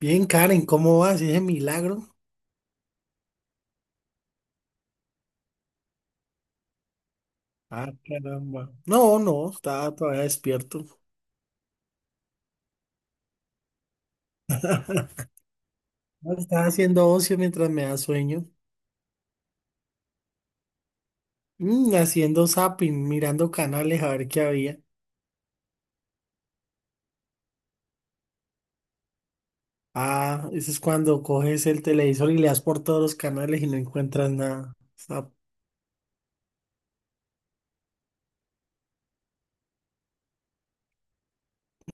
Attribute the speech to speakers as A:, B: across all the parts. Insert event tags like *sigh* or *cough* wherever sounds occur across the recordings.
A: Bien, Karen, ¿cómo vas? ¿Ese milagro? Ah, caramba. No, no, estaba todavía despierto. No, estaba haciendo ocio mientras me da sueño. Haciendo zapping, mirando canales a ver qué había. Ah, eso es cuando coges el televisor y le das por todos los canales y no encuentras nada. Está-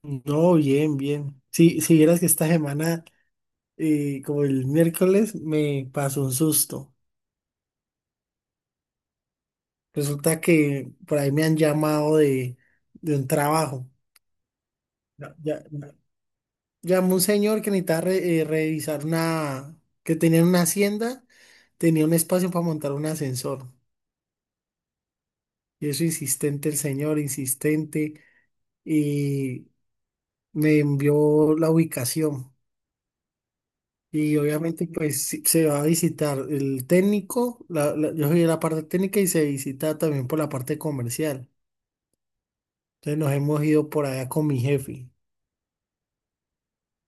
A: no, bien, bien. Sí, si vieras que esta semana, como el miércoles, me pasó un susto. Resulta que por ahí me han llamado de un trabajo. Ya, ya, llamó un señor que necesitaba revisar una, que tenía una hacienda, tenía un espacio para montar un ascensor. Y eso insistente el señor, insistente, y me envió la ubicación. Y obviamente pues sí, se va a visitar el técnico, yo soy de la parte técnica y se visita también por la parte comercial. Entonces nos hemos ido por allá con mi jefe.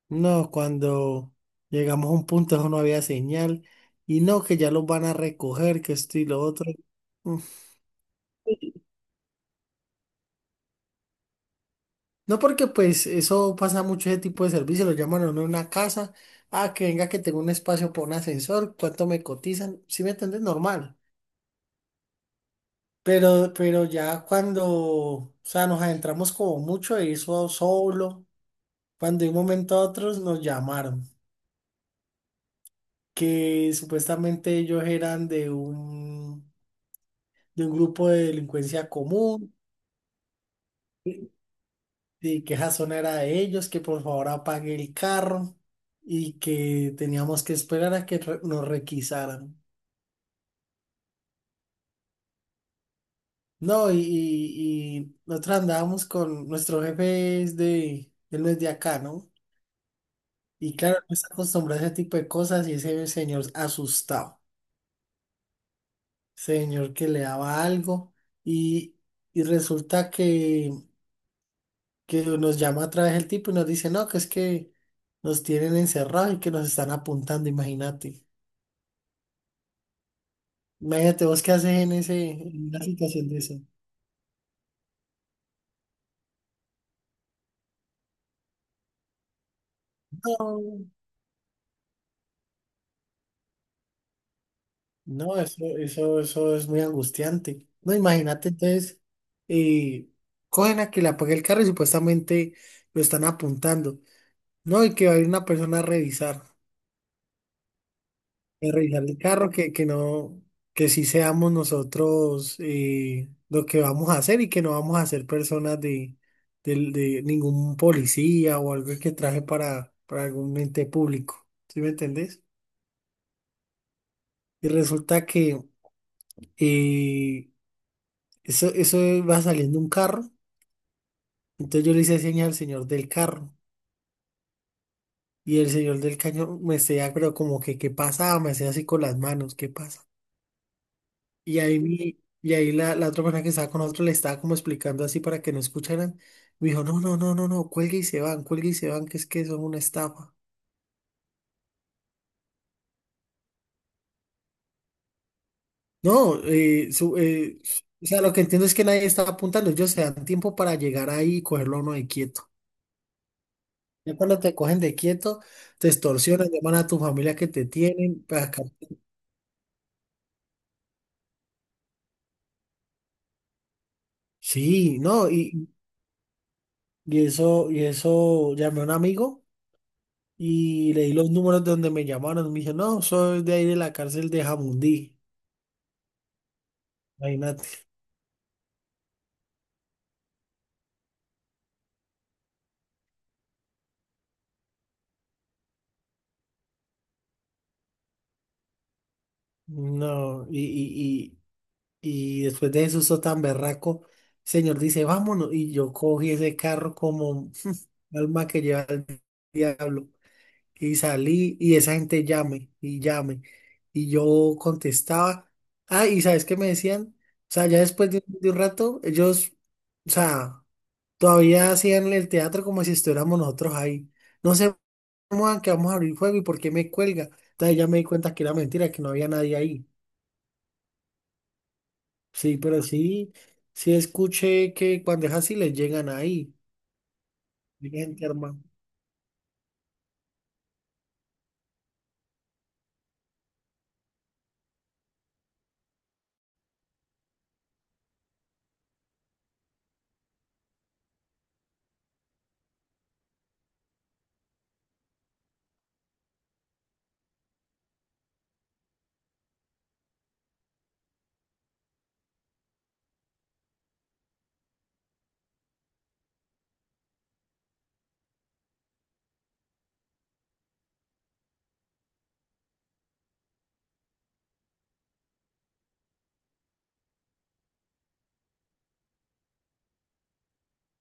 A: No, cuando llegamos a un punto eso no había señal y no, que ya los van a recoger, que esto y lo otro. Mm. No, porque pues eso pasa mucho ese tipo de servicio, lo llaman a uno a una casa, ah, que venga que tengo un espacio para un ascensor, cuánto me cotizan, si me entiendes, normal. Pero ya cuando, o sea, nos adentramos como mucho de eso solo, cuando de un momento a otro nos llamaron, que supuestamente ellos eran de un grupo de delincuencia común, y y que esa zona era de ellos, que por favor apague el carro y que teníamos que esperar a que re- nos requisaran. No, y, y nosotros andábamos con nuestro jefe es de, él no es de acá, ¿no? Y claro, no está acostumbrado a ese tipo de cosas y ese señor asustado, señor que le daba algo y, y resulta que nos llama otra vez el tipo y nos dice, no, que es que nos tienen encerrados y que nos están apuntando, imagínate. Imagínate vos qué haces en ese, en una situación de eso. No, no, eso es muy angustiante. No, imagínate entonces, eh, cogen a que le apague el carro y supuestamente lo están apuntando. No, y que va a ir una persona a revisar. De revisar el carro, que no, que sí seamos nosotros lo que vamos a hacer y que no vamos a ser personas de, de ningún policía o algo que traje para algún ente público. ¿Sí me entendés? Y resulta que eh, eso, eso va saliendo un carro. Entonces yo le hice señas al señor del carro. Y el señor del caño me decía, pero como que, ¿qué pasa? Me decía así con las manos, ¿qué pasa? Y ahí, y ahí la otra persona que estaba con nosotros le estaba como explicando así para que no escucharan. Me dijo, no, no, no, no, no, cuelgue y se van, cuelgue y se van, que es que son una estafa. No, o sea, lo que entiendo es que nadie estaba apuntando, ellos se dan tiempo para llegar ahí y cogerlo a uno de quieto. Ya cuando te cogen de quieto, te extorsionan, llaman a tu familia que te tienen pa' acá. Sí, no, y eso, llamé a un amigo. Y le di los números de donde me llamaron. Me dijo, no, soy de ahí de la cárcel de Jamundí. Imagínate. No, y, y después de eso, eso tan berraco, el señor dice, vámonos. Y yo cogí ese carro como *laughs* alma que lleva el diablo. Y salí y esa gente llame y llame. Y yo contestaba. Ah, ¿y sabes qué me decían? O sea, ya después de un rato, ellos, o sea, todavía hacían el teatro como si estuviéramos nosotros ahí. No se muevan que vamos a abrir fuego y por qué me cuelga. Entonces ya me di cuenta que era mentira, que no había nadie ahí. Sí, pero sí, sí escuché que cuando es así les llegan ahí. Hay gente armada.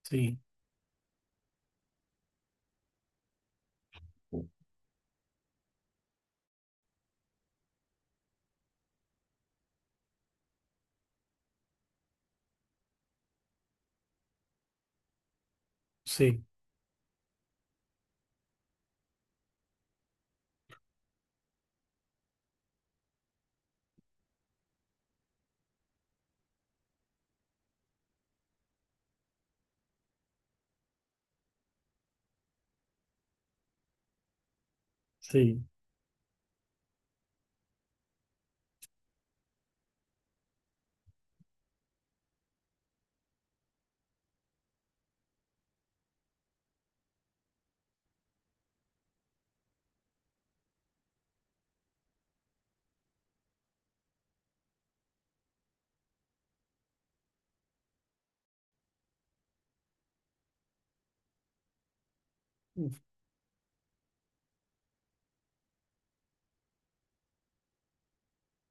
A: Sí, sí, sí.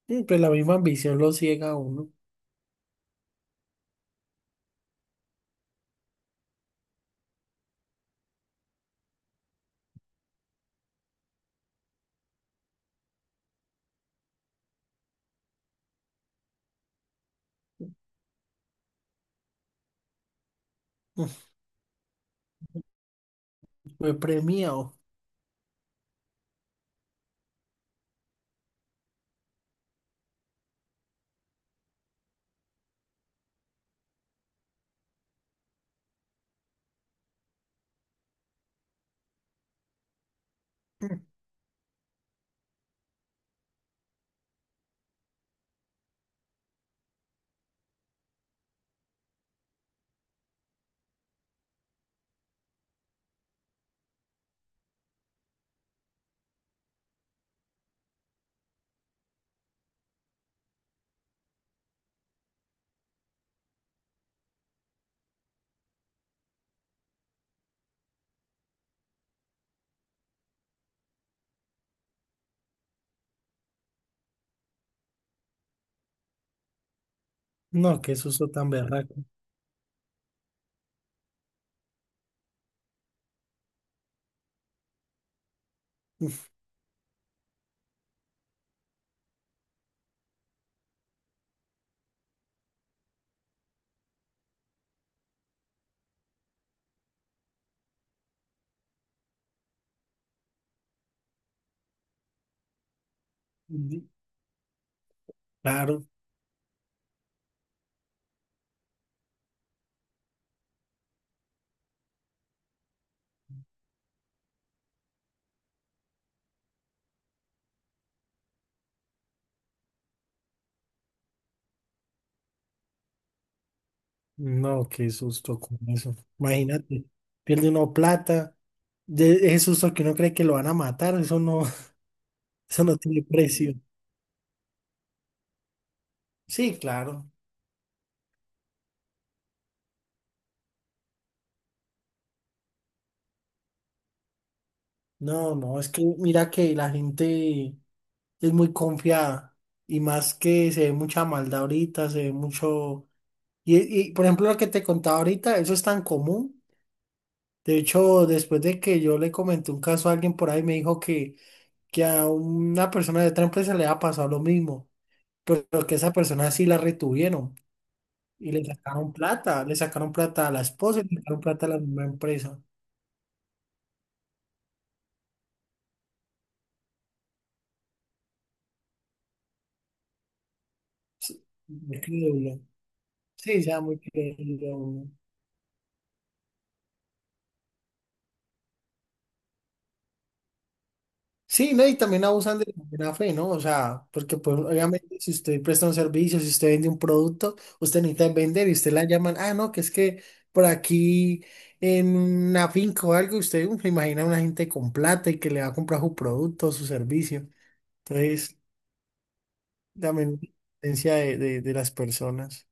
A: Mm, pues la misma ambición lo ciega a uno. *laughs* Mm, fue premiado. *laughs* Mm, no, qué susto tan berraco. Mm, claro, no, qué susto con eso. Imagínate, pierde uno plata. De ese susto que uno cree que lo van a matar, eso no, *laughs* eso no tiene precio. Sí, claro. No, no, es que mira que la gente es muy confiada. Y más que se ve mucha maldad ahorita, se ve mucho... Y, y, por ejemplo, lo que te contaba ahorita, eso es tan común. De hecho, después de que yo le comenté un caso a alguien por ahí, me dijo que a una persona de otra empresa le ha pasado lo mismo, pero que esa persona sí la retuvieron y le sacaron plata a la esposa y le sacaron plata a la misma empresa. Sí, muy creíble. Sí, sea muy creíble. Sí, ¿no? Y también abusan de la buena fe, ¿no? O sea, porque pues obviamente si usted presta un servicio, si usted vende un producto, usted necesita vender y usted la llaman, ah, no, que es que por aquí en una finca o algo, usted uf, se imagina a una gente con plata y que le va a comprar su producto o su servicio. Entonces, también la de las personas.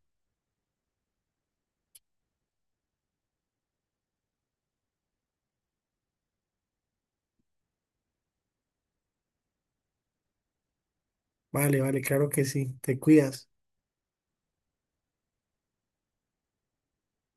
A: Vale, vale, claro que sí, te cuidas.